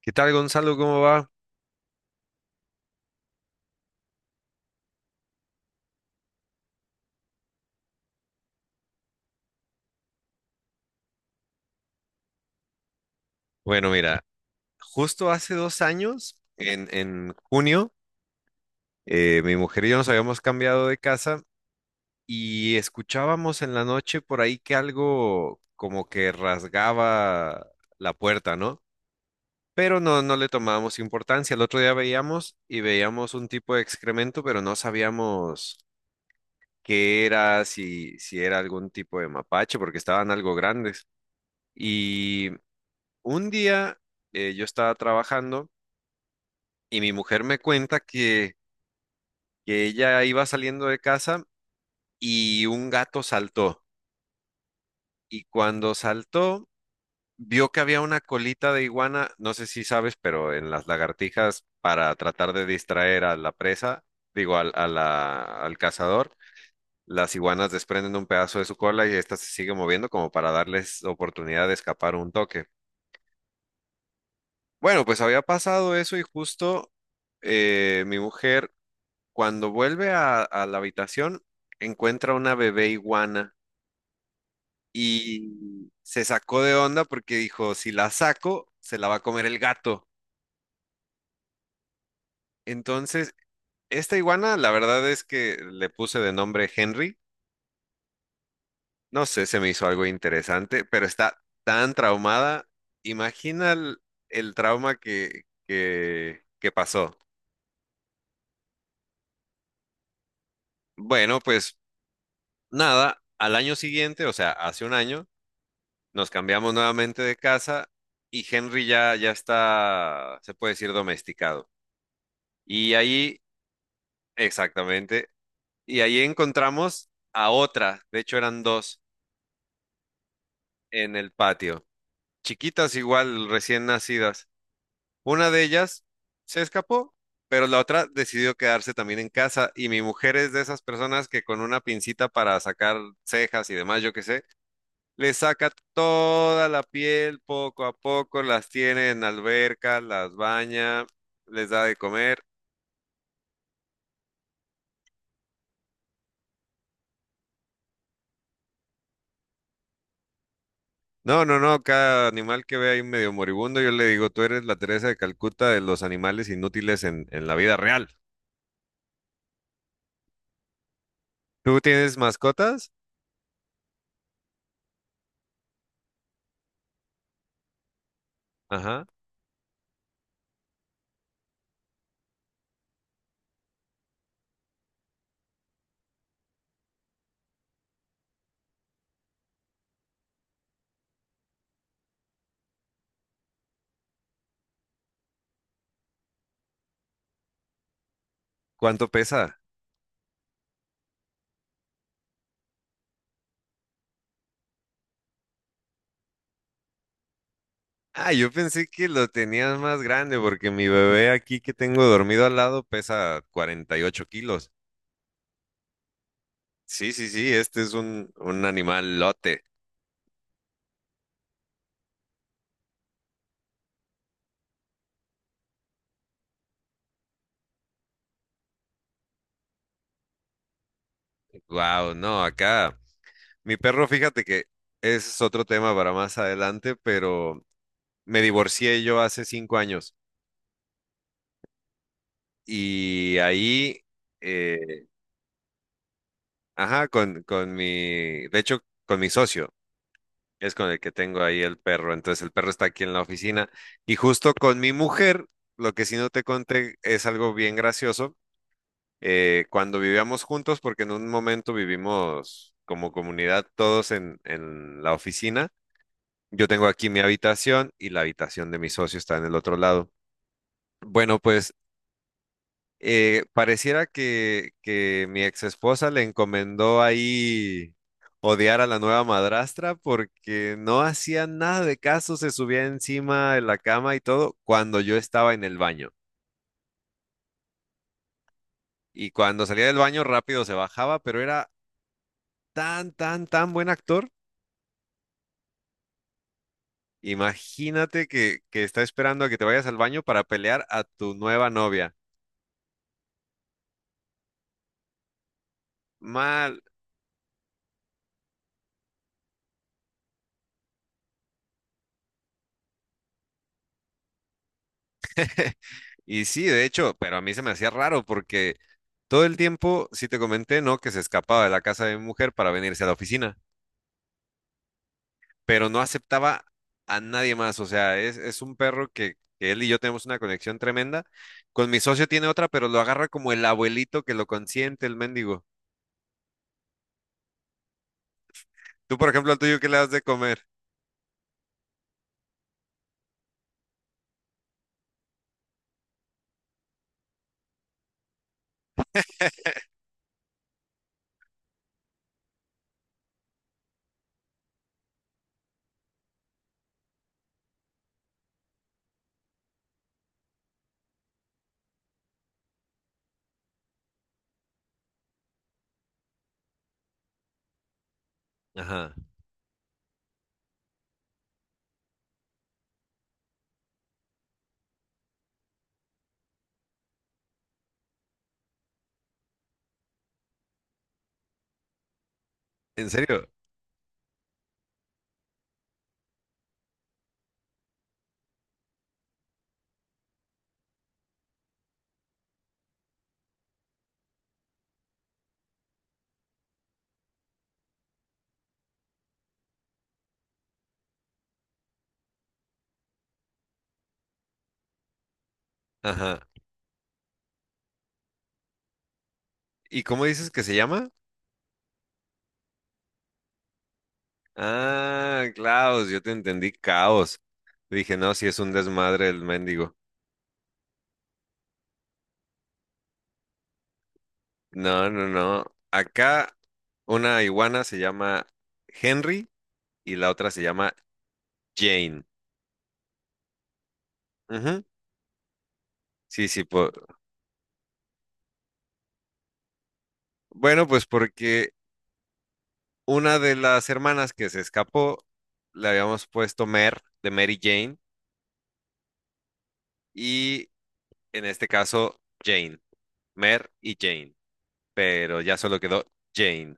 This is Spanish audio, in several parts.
¿Qué tal, Gonzalo? ¿Cómo va? Bueno, mira, justo hace 2 años, en junio, mi mujer y yo nos habíamos cambiado de casa y escuchábamos en la noche por ahí que algo como que rasgaba la puerta, ¿no? Pero no le tomábamos importancia. El otro día veíamos y veíamos un tipo de excremento, pero no sabíamos qué era, si era algún tipo de mapache, porque estaban algo grandes. Y un día yo estaba trabajando. Y mi mujer me cuenta que ella iba saliendo de casa y un gato saltó. Y cuando saltó, vio que había una colita de iguana, no sé si sabes, pero en las lagartijas, para tratar de distraer a la presa, digo, al cazador, las iguanas desprenden un pedazo de su cola y esta se sigue moviendo como para darles oportunidad de escapar un toque. Bueno, pues había pasado eso y justo mi mujer cuando vuelve a la habitación, encuentra una bebé iguana y se sacó de onda porque dijo, si la saco, se la va a comer el gato. Entonces, esta iguana, la verdad es que le puse de nombre Henry. No sé, se me hizo algo interesante, pero está tan traumada. Imagina el trauma que pasó. Bueno, pues nada, al año siguiente, o sea, hace un año nos cambiamos nuevamente de casa y Henry ya está, se puede decir, domesticado. Y ahí, exactamente, y ahí encontramos a otra, de hecho eran dos, en el patio, chiquitas igual, recién nacidas. Una de ellas se escapó, pero la otra decidió quedarse también en casa y mi mujer es de esas personas que con una pincita para sacar cejas y demás, yo qué sé, le saca toda la piel, poco a poco las tiene en alberca, las baña, les da de comer. No, no, no, cada animal que ve ahí medio moribundo, yo le digo, tú eres la Teresa de Calcuta de los animales inútiles en la vida real. ¿Tú tienes mascotas? Ajá. ¿Cuánto pesa? Ah, yo pensé que lo tenías más grande porque mi bebé aquí que tengo dormido al lado pesa 48 kilos. Sí, sí, sí, este es un animal lote. Wow, no, acá. Mi perro, fíjate que ese es otro tema para más adelante, pero me divorcié yo hace 5 años y ahí, eh, ajá, con mi, con mi socio, es con el que tengo ahí el perro, entonces el perro está aquí en la oficina y justo con mi mujer, lo que sí no te conté es algo bien gracioso, cuando vivíamos juntos, porque en un momento vivimos como comunidad todos en la oficina. Yo tengo aquí mi habitación y la habitación de mi socio está en el otro lado. Bueno, pues pareciera que mi ex esposa le encomendó ahí odiar a la nueva madrastra porque no hacía nada de caso, se subía encima de la cama y todo cuando yo estaba en el baño. Y cuando salía del baño rápido se bajaba, pero era tan buen actor. Imagínate que está esperando a que te vayas al baño para pelear a tu nueva novia. Mal. Y sí, de hecho, pero a mí se me hacía raro porque todo el tiempo, sí te comenté, ¿no? Que se escapaba de la casa de mi mujer para venirse a la oficina, pero no aceptaba a nadie más. O sea, es un perro que él y yo tenemos una conexión tremenda. Con mi socio tiene otra, pero lo agarra como el abuelito que lo consiente, el mendigo. Tú, por ejemplo, al tuyo, ¿qué le das de comer? Ajá. ¿En serio? Ajá. ¿Y cómo dices que se llama? Ah, Klaus, yo te entendí, caos. Dije, no, si es un desmadre el mendigo. No, no, no. Acá una iguana se llama Henry y la otra se llama Jane. Ujú. Sí, sí. Bueno, pues porque una de las hermanas que se escapó le habíamos puesto Mer de Mary Jane y en este caso Jane. Mer y Jane. Pero ya solo quedó Jane.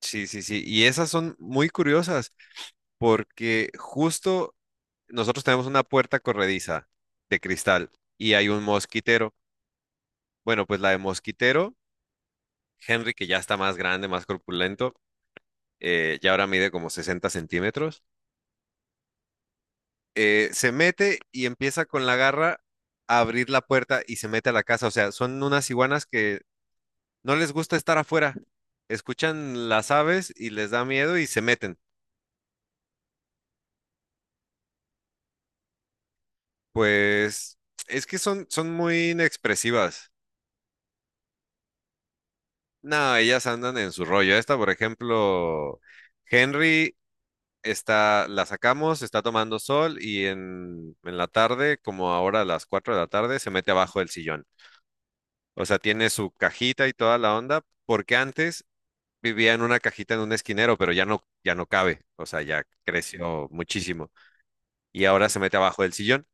Sí, sí, sí. Y esas son muy curiosas porque justo nosotros tenemos una puerta corrediza de cristal y hay un mosquitero. Bueno, pues la de mosquitero, Henry, que ya está más grande, más corpulento, ya ahora mide como 60 centímetros, se mete y empieza con la garra a abrir la puerta y se mete a la casa. O sea, son unas iguanas que no les gusta estar afuera. Escuchan las aves y les da miedo y se meten. Pues es que son muy inexpresivas. No, ellas andan en su rollo. Esta, por ejemplo, Henry está, la sacamos, está tomando sol y en la tarde, como ahora a las 4 de la tarde, se mete abajo del sillón. O sea, tiene su cajita y toda la onda, porque antes vivía en una cajita en un esquinero, pero ya no, ya no cabe, o sea, ya creció muchísimo y ahora se mete abajo del sillón.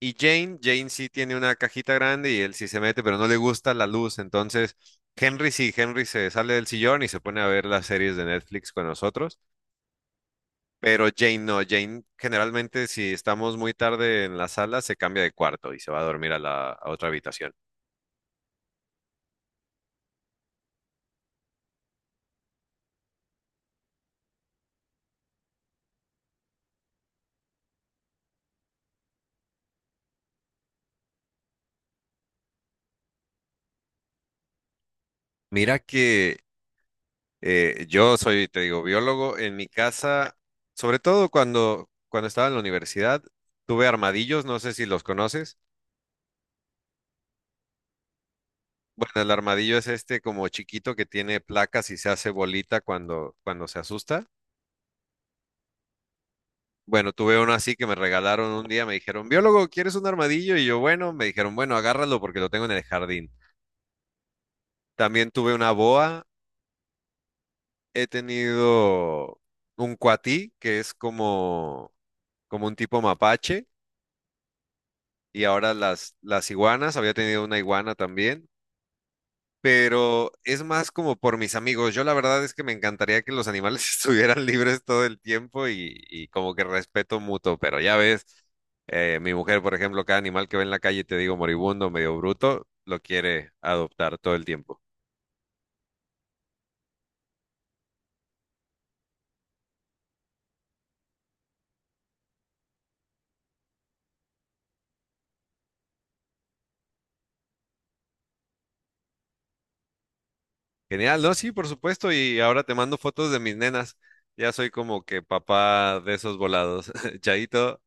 Y Jane, Jane sí tiene una cajita grande y él sí se mete, pero no le gusta la luz, entonces Henry sí, Henry se sale del sillón y se pone a ver las series de Netflix con nosotros. Pero Jane no, Jane generalmente si estamos muy tarde en la sala se cambia de cuarto y se va a dormir a la a otra habitación. Mira que yo soy, te digo, biólogo. En mi casa, sobre todo cuando estaba en la universidad, tuve armadillos, no sé si los conoces. Bueno, el armadillo es este como chiquito que tiene placas y se hace bolita cuando se asusta. Bueno, tuve uno así que me regalaron un día, me dijeron, biólogo, ¿quieres un armadillo? Y yo, bueno, me dijeron, bueno, agárralo porque lo tengo en el jardín. También tuve una boa, he tenido un cuatí, que es como, como un tipo mapache, y ahora las iguanas, había tenido una iguana también, pero es más como por mis amigos. Yo la verdad es que me encantaría que los animales estuvieran libres todo el tiempo y como que respeto mutuo, pero ya ves, mi mujer, por ejemplo, cada animal que ve en la calle, te digo moribundo, medio bruto, lo quiere adoptar todo el tiempo. Genial, ¿no? Sí, por supuesto. Y ahora te mando fotos de mis nenas. Ya soy como que papá de esos volados. Chaito.